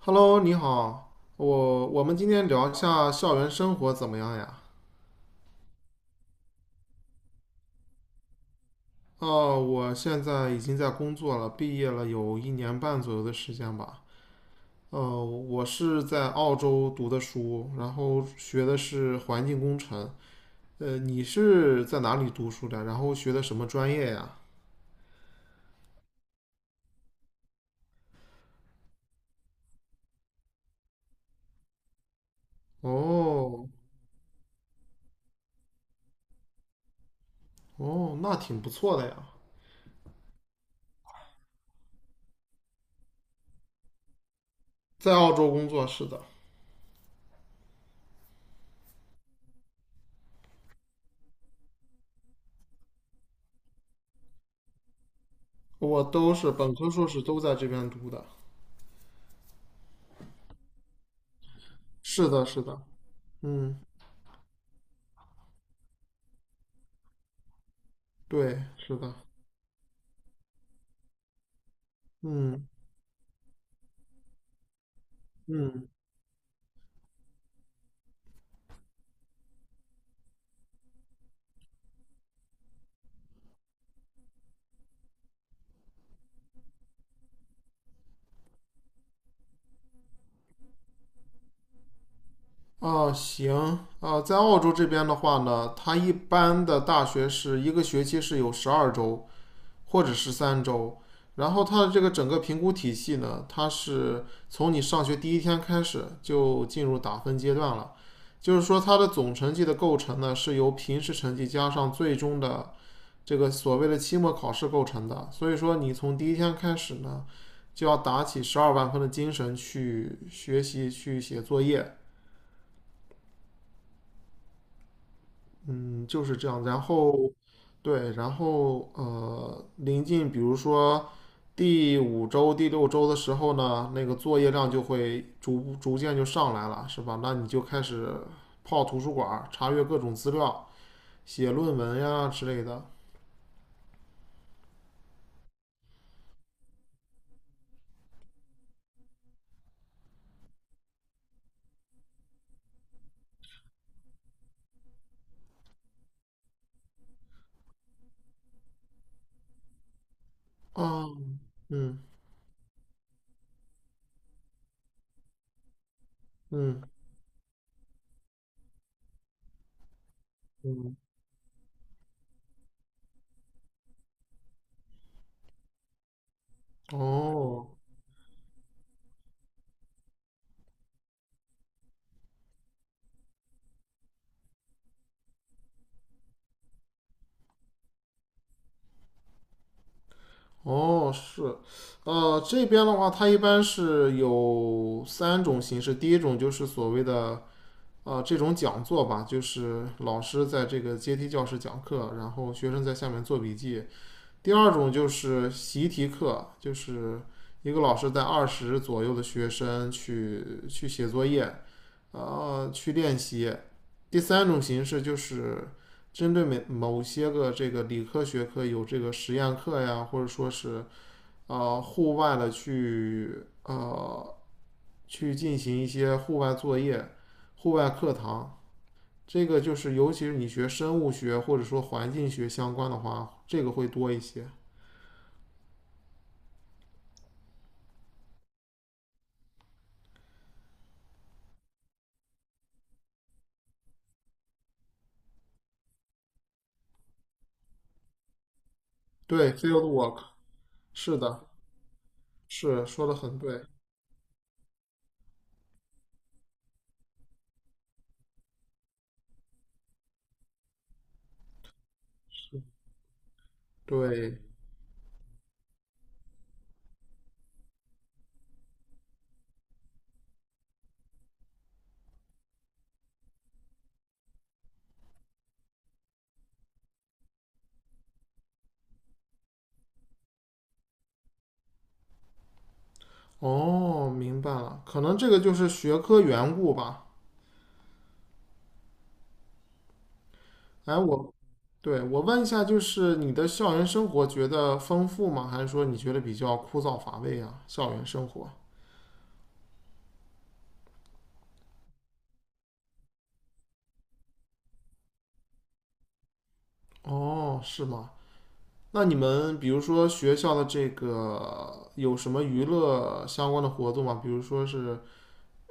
Hello，你好，我们今天聊一下校园生活怎么样呀？哦，我现在已经在工作了，毕业了有1年半左右的时间吧。我是在澳洲读的书，然后学的是环境工程。你是在哪里读书的？然后学的什么专业呀？哦，哦，那挺不错的呀，在澳洲工作，是的，我都是本科、硕士都在这边读的。是的，是的，嗯，对，是的。嗯嗯，哦，行，啊，在澳洲这边的话呢，它一般的大学是一个学期是有12周，或者是3周。然后它的这个整个评估体系呢，它是从你上学第一天开始就进入打分阶段了，就是说它的总成绩的构成呢，是由平时成绩加上最终的这个所谓的期末考试构成的。所以说你从第一天开始呢，就要打起十二万分的精神去学习、去写作业，嗯，就是这样。然后对，然后临近比如说第五周、第六周的时候呢，那个作业量就会逐渐就上来了，是吧？那你就开始泡图书馆，查阅各种资料，写论文呀之类的。啊，嗯嗯嗯，哦哦，是，这边的话，它一般是有三种形式。第一种就是所谓的这种讲座吧，就是老师在这个阶梯教室讲课，然后学生在下面做笔记，第二种就是习题课，就是一个老师带20左右的学生去写作业，去练习。第三种形式就是针对某些个这个理科学科有这个实验课呀，或者说是户外的去进行一些户外作业、户外课堂。这个就是，尤其是你学生物学或者说环境学相关的话，这个会多一些。对，field work，是的，是说的很对，对，哦，明白了，可能这个就是学科缘故吧。哎，我，对，我问一下，就是你的校园生活觉得丰富吗？还是说你觉得比较枯燥乏味啊？校园生活？哦，是吗？那你们比如说学校的这个有什么娱乐相关的活动吗？比如说是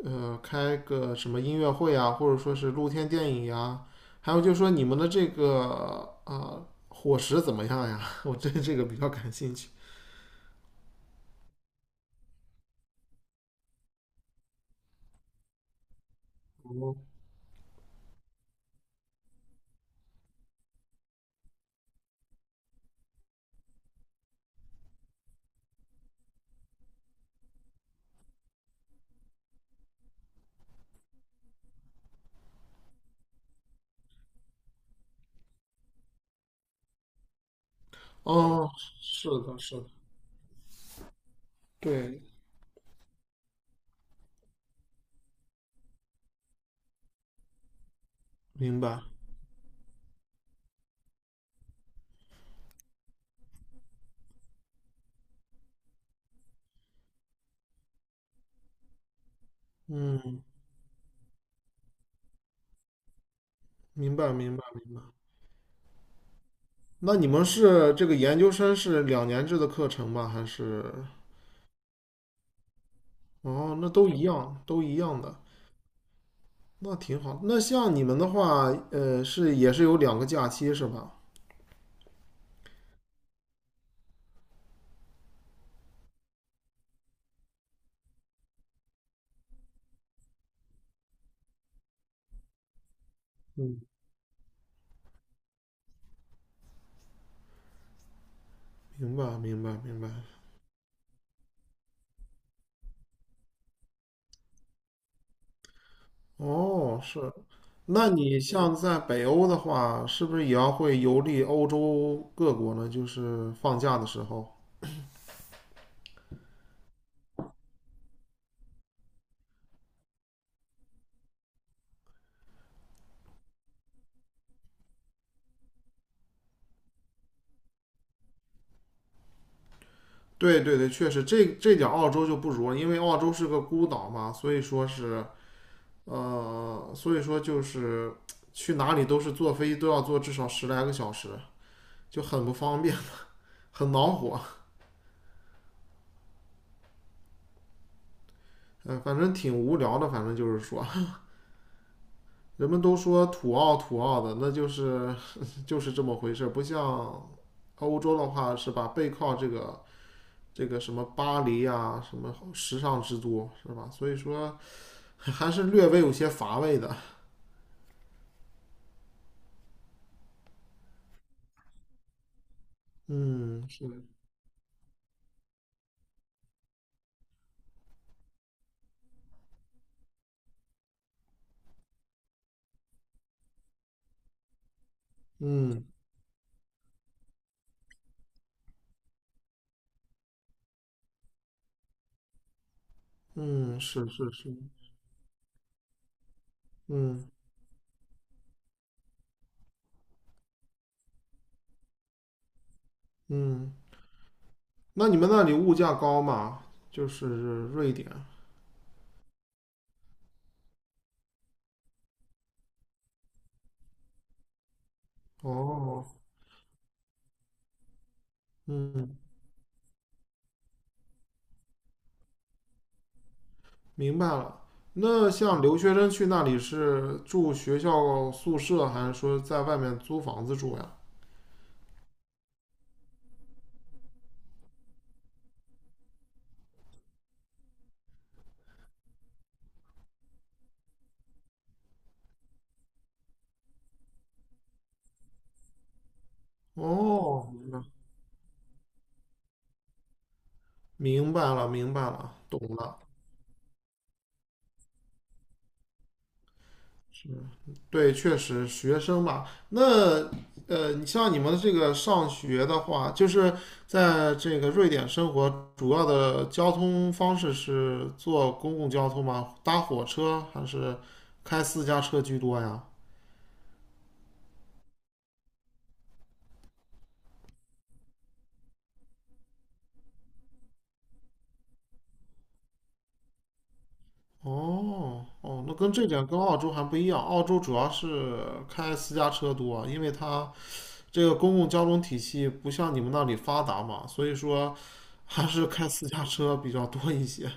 开个什么音乐会啊，或者说是露天电影呀、还有就是说你们的这个啊，伙食怎么样呀？我对这个比较感兴趣。哦，是的，是的，对，明白，嗯，明白，明白，明白。那你们是这个研究生是2年制的课程吗？还是？哦，那都一样，都一样的，那挺好。那像你们的话，是也是有两个假期是吧？嗯，明白，明白，明白。哦，是。那你像在北欧的话，是不是也要会游历欧洲各国呢？就是放假的时候。对对对，确实，这点澳洲就不如了，因为澳洲是个孤岛嘛，所以说是，所以说就是去哪里都是坐飞机都要坐至少10来个小时，就很不方便，很恼火。嗯、反正挺无聊的，反正就是说，人们都说土澳土澳的，那就是这么回事，不像欧洲的话是吧？背靠这个什么巴黎啊，什么时尚之都是吧？所以说还是略微有些乏味的。嗯，是的，嗯嗯，是是是，嗯嗯。那你们那里物价高吗？就是瑞典。哦，嗯，明白了。那像留学生去那里是住学校宿舍，还是说在外面租房子住呀？哦，明白了，明白了，懂了。对，确实，学生嘛，那你像你们这个上学的话，就是在这个瑞典生活，主要的交通方式是坐公共交通吗？搭火车还是开私家车居多呀？哦哦，那跟这点跟澳洲还不一样，澳洲主要是开私家车多，因为它这个公共交通体系不像你们那里发达嘛，所以说 还是开私家车比较多一些。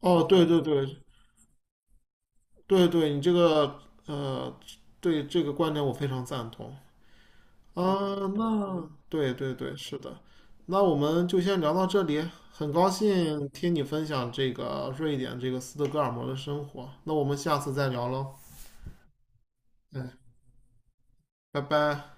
哦，对对对对对，你这个呃，对这个观点我非常赞同。啊，那对对对，是的，那我们就先聊到这里。很高兴听你分享这个瑞典这个斯德哥尔摩的生活，那我们下次再聊喽。嗯，拜拜。